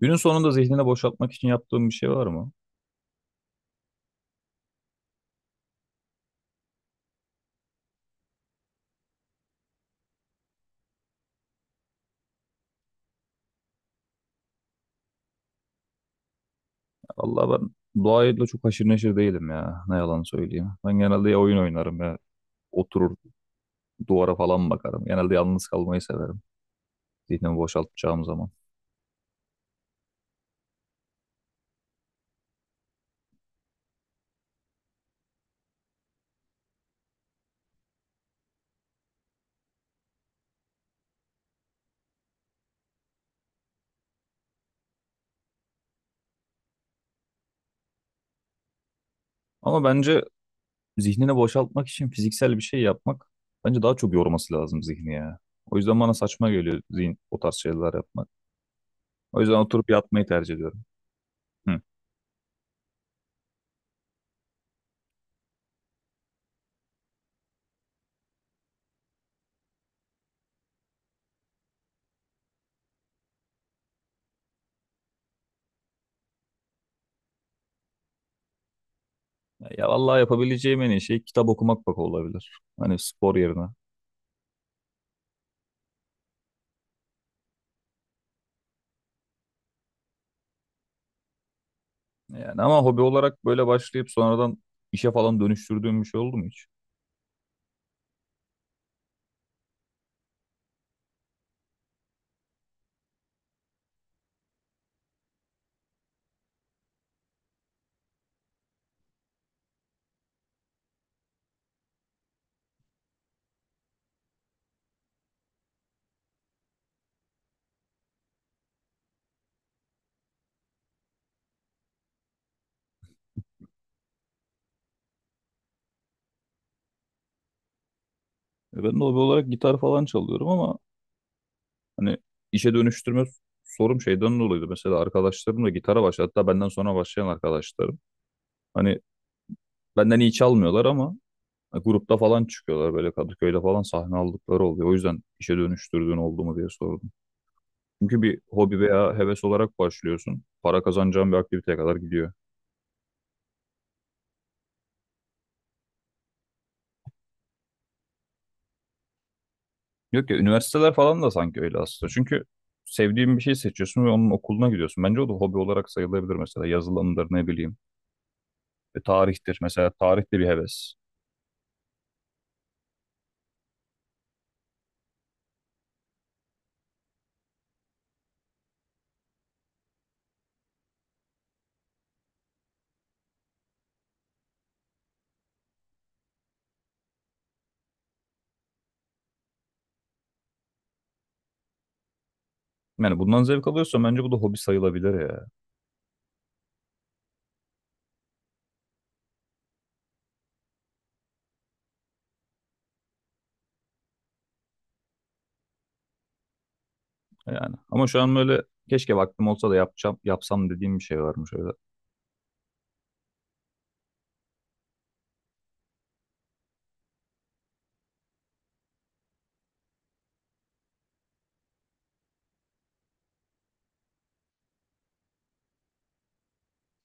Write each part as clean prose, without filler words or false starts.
Günün sonunda zihnini boşaltmak için yaptığım bir şey var mı? Allah ben doğayla çok haşır neşir değilim ya. Ne yalan söyleyeyim. Ben genelde ya oyun oynarım ya oturur duvara falan bakarım. Genelde yalnız kalmayı severim zihnimi boşaltacağım zaman. Ama bence zihnini boşaltmak için fiziksel bir şey yapmak bence daha çok yorması lazım zihni ya. O yüzden bana saçma geliyor zihin o tarz şeyler yapmak. O yüzden oturup yatmayı tercih ediyorum. Hı. Ya vallahi yapabileceğim en iyi şey kitap okumak bak olabilir. Hani spor yerine. Yani ama hobi olarak böyle başlayıp sonradan işe falan dönüştürdüğüm bir şey oldu mu hiç? E ben de hobi olarak gitar falan çalıyorum ama hani işe dönüştürme sorum şeyden dolayıydı. Mesela arkadaşlarım da gitara başladı. Hatta benden sonra başlayan arkadaşlarım. Hani benden iyi çalmıyorlar ama grupta falan çıkıyorlar, böyle Kadıköy'de falan sahne aldıkları oluyor. O yüzden işe dönüştürdüğün oldu mu diye sordum. Çünkü bir hobi veya heves olarak başlıyorsun. Para kazanacağın bir aktiviteye kadar gidiyor. Yok ya, üniversiteler falan da sanki öyle aslında. Çünkü sevdiğin bir şey seçiyorsun ve onun okuluna gidiyorsun. Bence o da hobi olarak sayılabilir, mesela yazılımdır ne bileyim. Tarihtir mesela, tarih de bir heves. Yani bundan zevk alıyorsan bence bu da hobi sayılabilir ya. Yani ama şu an böyle keşke vaktim olsa da yapacağım yapsam dediğim bir şey varmış öyle.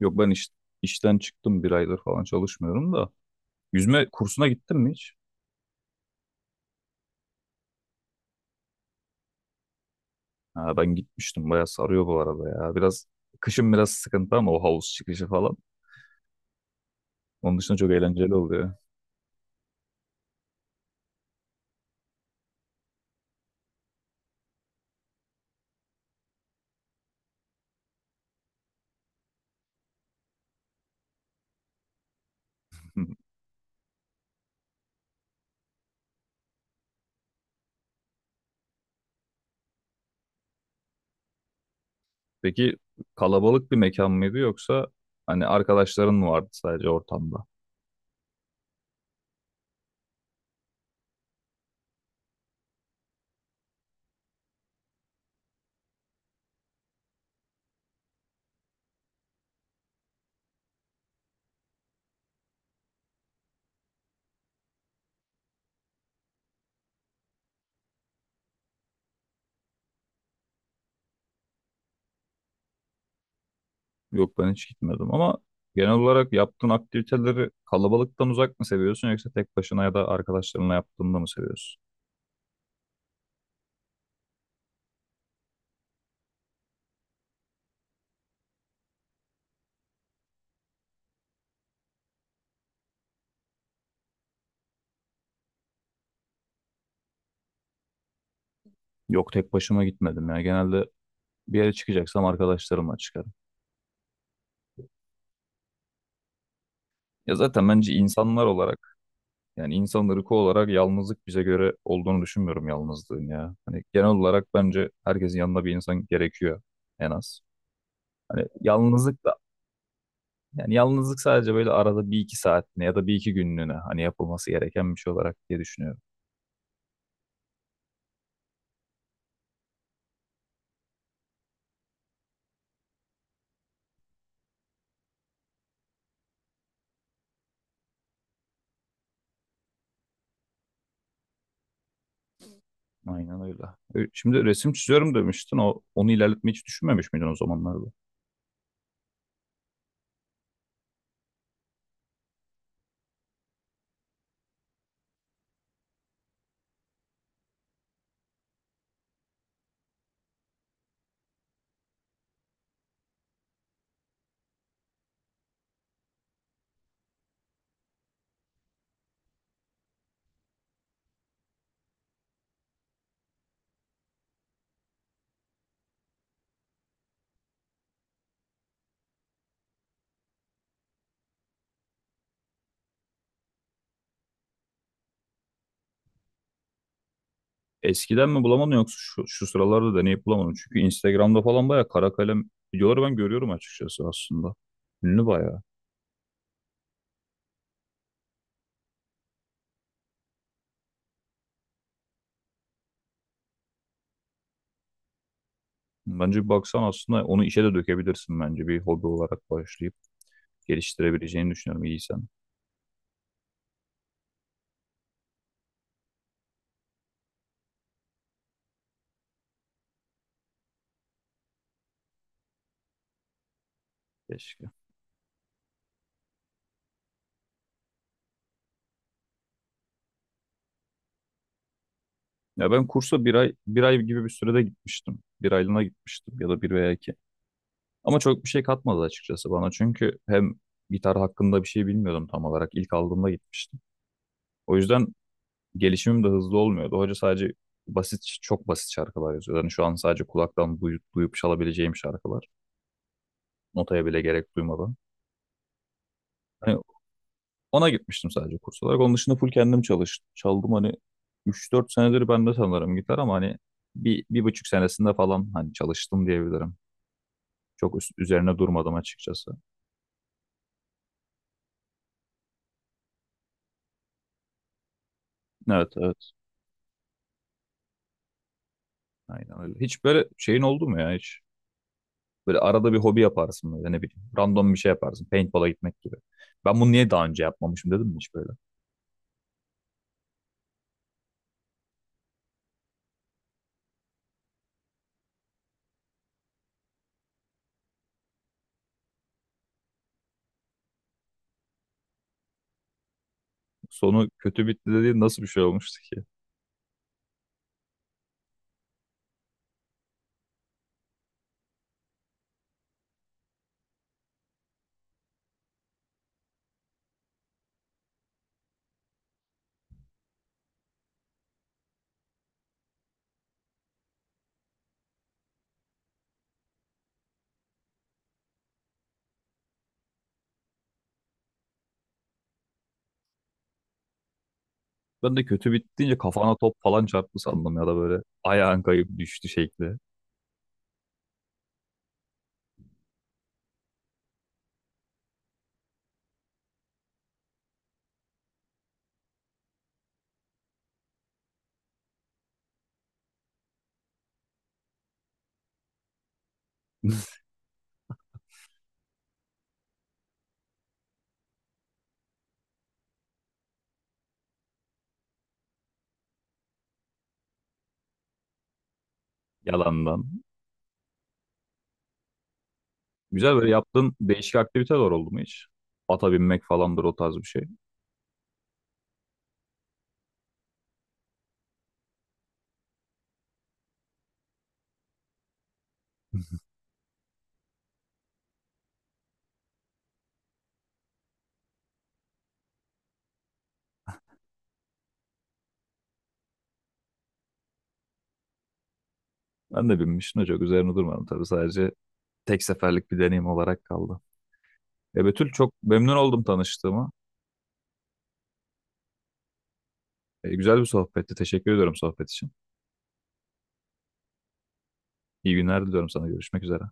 Yok, işten çıktım, bir aydır falan çalışmıyorum da. Yüzme kursuna gittin mi hiç? Ha, ben gitmiştim, bayağı sarıyor bu arada ya. Biraz kışın biraz sıkıntı, ama o havuz çıkışı falan. Onun dışında çok eğlenceli oluyor. Peki kalabalık bir mekan mıydı, yoksa hani arkadaşların mı vardı sadece ortamda? Yok ben hiç gitmedim ama genel olarak yaptığın aktiviteleri kalabalıktan uzak mı seviyorsun, yoksa tek başına ya da arkadaşlarınla yaptığında mı seviyorsun? Yok, tek başıma gitmedim ya. Genelde bir yere çıkacaksam arkadaşlarımla çıkarım. Ya zaten bence insanlar olarak, yani insan ırkı olarak yalnızlık bize göre olduğunu düşünmüyorum yalnızlığın ya. Hani genel olarak bence herkesin yanında bir insan gerekiyor en az. Hani yalnızlık da. Yani yalnızlık sadece böyle arada bir iki saatine ya da bir iki günlüğüne hani yapılması gereken bir şey olarak diye düşünüyorum. Aynen öyle. Ö- Şimdi resim çiziyorum demiştin. Onu ilerletmeyi hiç düşünmemiş miydin o zamanlarda? Eskiden mi bulamadın, yoksa şu sıralarda deneyip bulamadın? Çünkü Instagram'da falan bayağı kara kalem videoları ben görüyorum açıkçası aslında. Ünlü bayağı. Bence bir baksan aslında onu işe de dökebilirsin bence. Bir hobi olarak başlayıp geliştirebileceğini düşünüyorum iyiysen. Keşke. Ya ben kursa bir ay gibi bir sürede gitmiştim. Bir aylığına gitmiştim, ya da bir veya iki. Ama çok bir şey katmadı açıkçası bana. Çünkü hem gitar hakkında bir şey bilmiyordum tam olarak. İlk aldığımda gitmiştim. O yüzden gelişimim de hızlı olmuyordu. Hoca sadece çok basit şarkılar yazıyor. Yani şu an sadece kulaktan duyup çalabileceğim şarkılar. Notaya bile gerek duymadan. Hani ona gitmiştim sadece kurs olarak. Onun dışında full kendim çalıştım. Çaldım, hani üç dört senedir bende sanırım gitar, ama hani bir buçuk senesinde falan hani çalıştım diyebilirim. Çok üst- üzerine durmadım açıkçası. Evet evet. Aynen öyle. Hiç böyle şeyin oldu mu ya hiç? Böyle arada bir hobi yaparsın, böyle ne bileyim. Random bir şey yaparsın. Paintball'a gitmek gibi. Ben bunu niye daha önce yapmamışım dedim mi hiç böyle? Sonu kötü bitti dediğin nasıl bir şey olmuştu ki? Ben de kötü bitti deyince kafana top falan çarptı sandım, ya da böyle ayağın kayıp düştü şekli. Yalandan. Güzel böyle yaptığın değişik aktiviteler oldu mu hiç? Ata binmek falandır o tarz bir şey. Ben de binmiştim de çok üzerine durmadım tabii, sadece tek seferlik bir deneyim olarak kaldı. Betül çok memnun oldum tanıştığıma. Güzel bir sohbetti. Teşekkür ediyorum sohbet için. İyi günler diliyorum sana. Görüşmek üzere.